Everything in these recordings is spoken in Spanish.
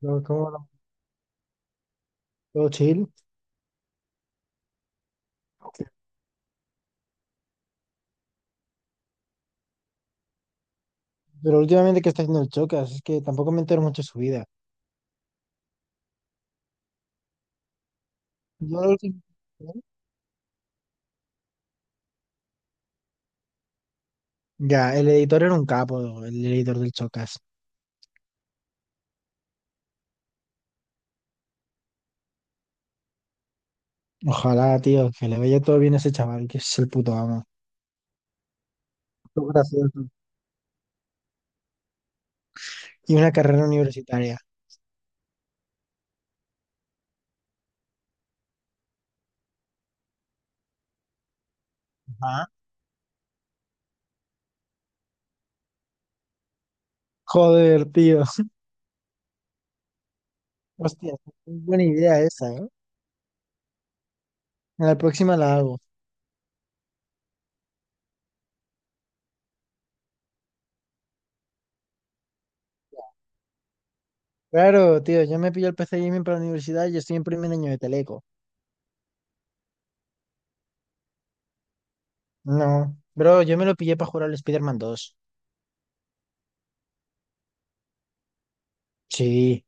Todo, todo- todo chill. Pero últimamente, ¿qué está haciendo el Chocas? Es que tampoco me entero mucho de su vida. Yo lo último- Ya, el editor era un capo, el editor del Chocas. Ojalá, tío, que le vaya todo bien a ese chaval, que es el puto amo. Qué gracioso. Y una carrera universitaria. Ajá. Joder, tío. Hostia, es buena idea esa, ¿eh? En la próxima la hago. Claro, tío, yo me pillo el PC Gaming para la universidad y estoy en primer año de Teleco. No, bro, yo me lo pillé para jugar al Spider-Man 2. Sí.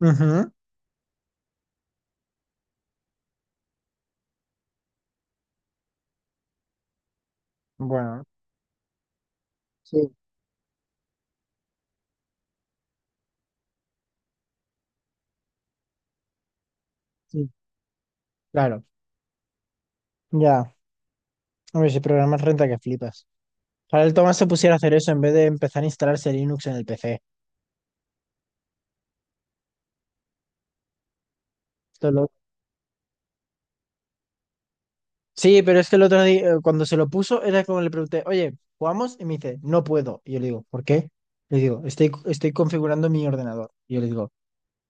Ujú. Bueno, sí, sí, claro. Ya. Hombre, si programas renta que flipas. Para el Tomás se pusiera a hacer eso en vez de empezar a instalarse Linux en el PC. Esto es lo- Sí, pero es que el otro día, cuando se lo puso, era como le pregunté, oye, ¿jugamos? Y me dice, no puedo. Y yo le digo, ¿por qué? Le digo, estoy configurando mi ordenador. Y yo le digo,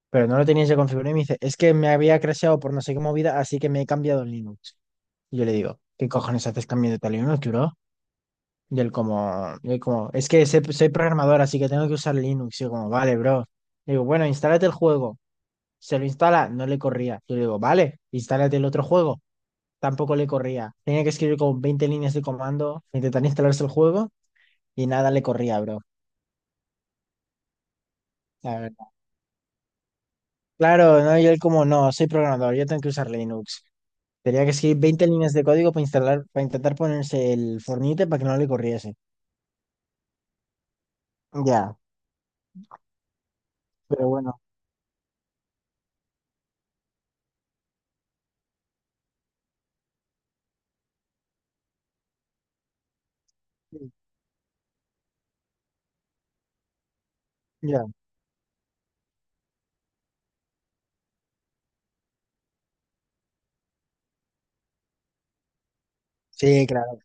pero no lo tenías ya configurado. Y me dice, es que me había crasheado por no sé qué movida, así que me he cambiado el Linux. Y yo le digo, ¿qué cojones haces cambiando tal Linux, bro? Y él como, es que sé- soy programador, así que tengo que usar Linux. Y yo como, vale, bro. Le digo, bueno, instálate el juego. Se lo instala, no le corría. Yo le digo, vale, instálate el otro juego. Tampoco le corría. Tenía que escribir como 20 líneas de comando, intentar instalarse el juego y nada le corría, bro. La verdad. Claro, ¿no? Y él como, no, soy programador, yo tengo que usar Linux. Tenía que escribir 20 líneas de código para instalar, para intentar ponerse el Fornite para que no le corriese. Ya, pero bueno, ya. Sí, claro.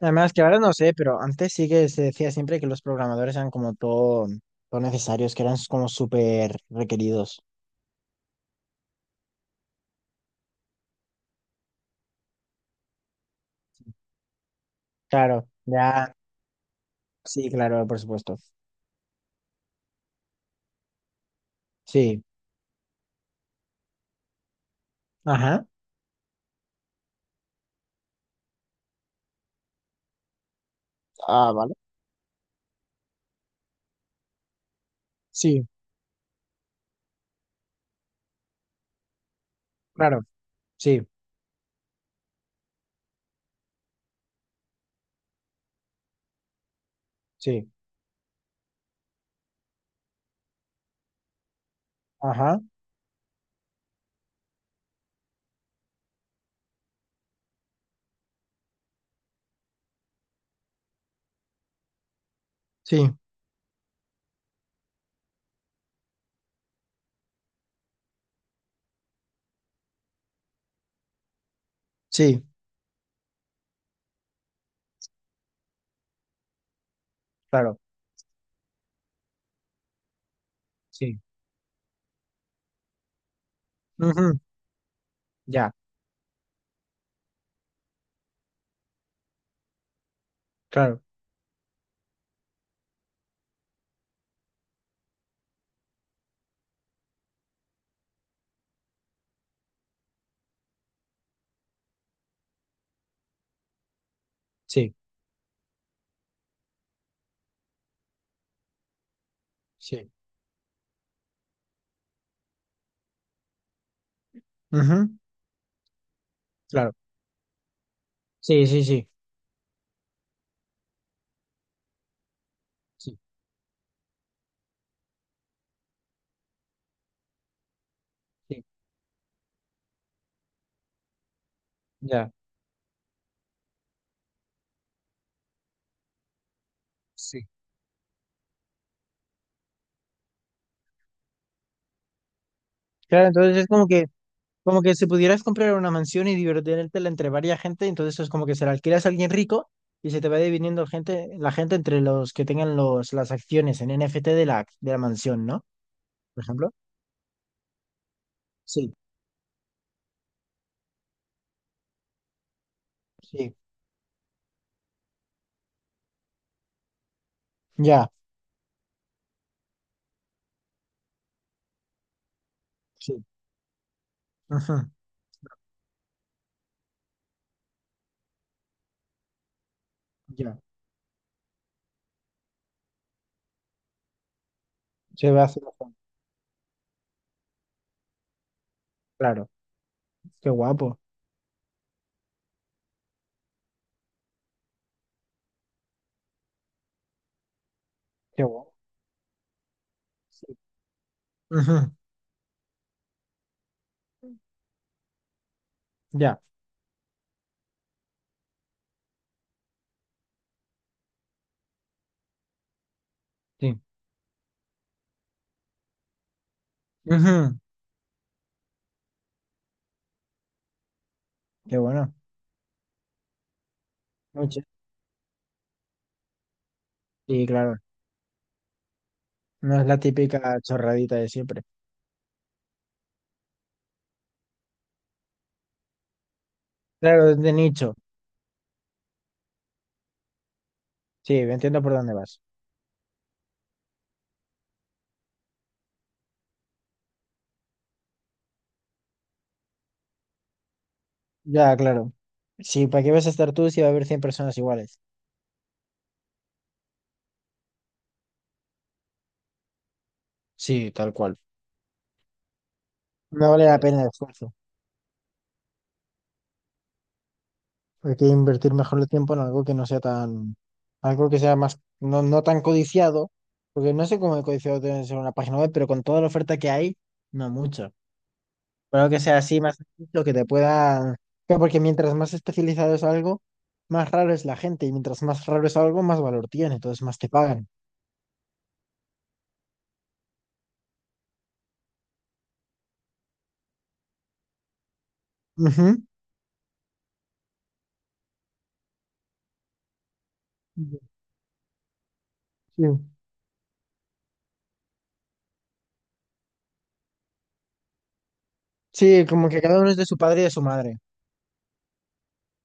Además, que ahora no sé, pero antes sí que se decía siempre que los programadores eran como todo necesarios, que eran como súper requeridos. Claro, ya, sí, claro, por supuesto. Sí, ajá. Ah, vale. Sí, claro, sí, sí, ajá. Sí, sí, claro, sí, ujú, ya, claro, sí, sí, ujú, claro, sí, sí, sí, sí, sí, ya, sí. Claro, entonces es como que como que si pudieras comprar una mansión y divertirte entre varias gente, entonces es como que se la alquilas a alguien rico y se te va dividiendo gente, la gente entre los que tengan las acciones en NFT de la mansión, ¿no? Por ejemplo. Sí, sí, ya, sí, ujú, ya. Se va haciendo, con- claro. Qué guapo, qué guapo. Sí, ujú, ya, sí, ujú. Qué bueno. Mucho. Sí, claro. No es la típica chorradita de siempre. Claro, es de nicho. Sí, entiendo por dónde vas. Ya, claro. Sí, ¿para qué vas a estar tú si va a haber 100 personas iguales? Sí, tal cual. No vale la pena el esfuerzo. Hay que invertir mejor el tiempo en algo que no sea tan, algo que sea más, no tan codiciado, porque no sé cómo de codiciado debe ser una página web, pero con toda la oferta que hay, no mucho. Pero que sea así más lo que te pueda, claro, porque mientras más especializado es algo, más raro es la gente, y mientras más raro es algo, más valor tiene, entonces más te pagan. Ujú. Sí. Sí, como que cada uno es de su padre y de su madre.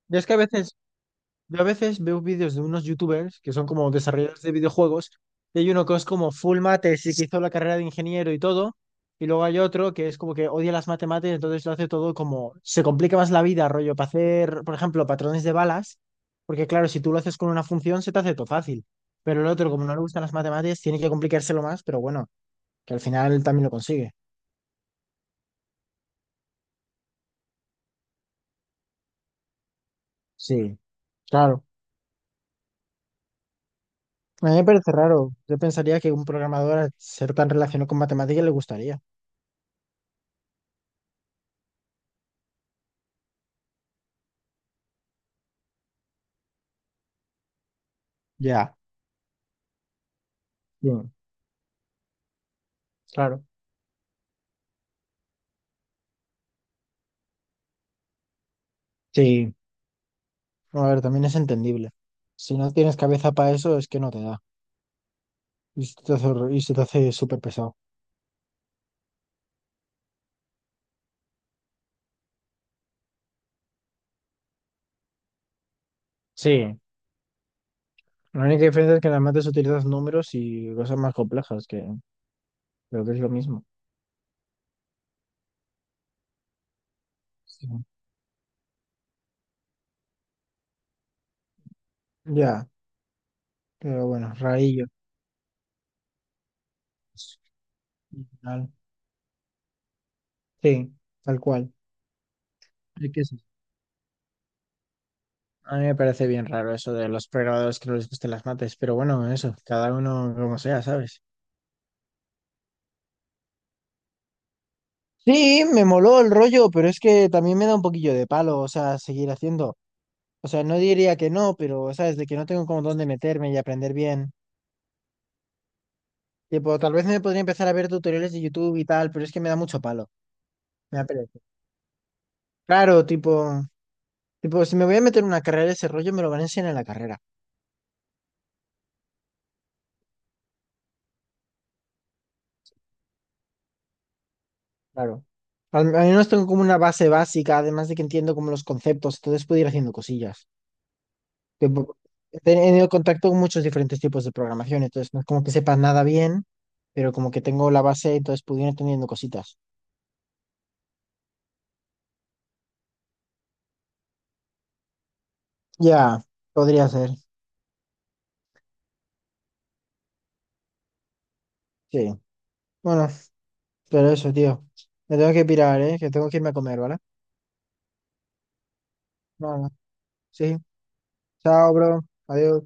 Yo es que a veces, yo a veces veo vídeos de unos youtubers que son como desarrolladores de videojuegos, y hay uno que es como full mates y que hizo la carrera de ingeniero y todo, y luego hay otro que es como que odia las matemáticas, entonces lo hace todo como, se complica más la vida, rollo, para hacer, por ejemplo, patrones de balas, porque claro, si tú lo haces con una función se te hace todo fácil, pero el otro, como no le gustan las matemáticas, tiene que complicárselo más, pero bueno, que al final también lo consigue. Sí, claro. A mí me parece raro. Yo pensaría que un programador, al ser tan relacionado con matemáticas, le gustaría. Ya. Sí, claro. Sí, a ver, también es entendible. Si no tienes cabeza para eso, es que no te da. Y se te hace, hor- y se te hace súper pesado. Sí, la única diferencia es que en las mates utilizas números y cosas más complejas, que creo que es lo mismo. Sí. Ya, pero bueno, rarillo. Y tal. Sí, tal cual. Hay que ser. A mí me parece bien raro eso de los programadores que no les gusten las mates, pero bueno, eso, cada uno como sea, ¿sabes? Sí, me moló el rollo, pero es que también me da un poquillo de palo, o sea, seguir haciendo. O sea, no diría que no, pero, ¿sabes? De que no tengo como dónde meterme y aprender bien. Tipo, tal vez me podría empezar a ver tutoriales de YouTube y tal, pero es que me da mucho palo. Me da pereza. Claro, tipo, tipo, si me voy a meter en una carrera de ese rollo, me lo van a enseñar en la carrera. Claro. Al menos tengo como una base básica, además de que entiendo como los conceptos, entonces puedo ir haciendo cosillas. Tipo, he tenido contacto con muchos diferentes tipos de programación, entonces no es como que sepa nada bien, pero como que tengo la base, entonces puedo ir entendiendo cositas. Ya, podría ser. Sí. Bueno. Pero eso, tío. Me tengo que pirar, ¿eh? Que tengo que irme a comer, ¿vale? No, no. Sí. Chao, bro. Adiós.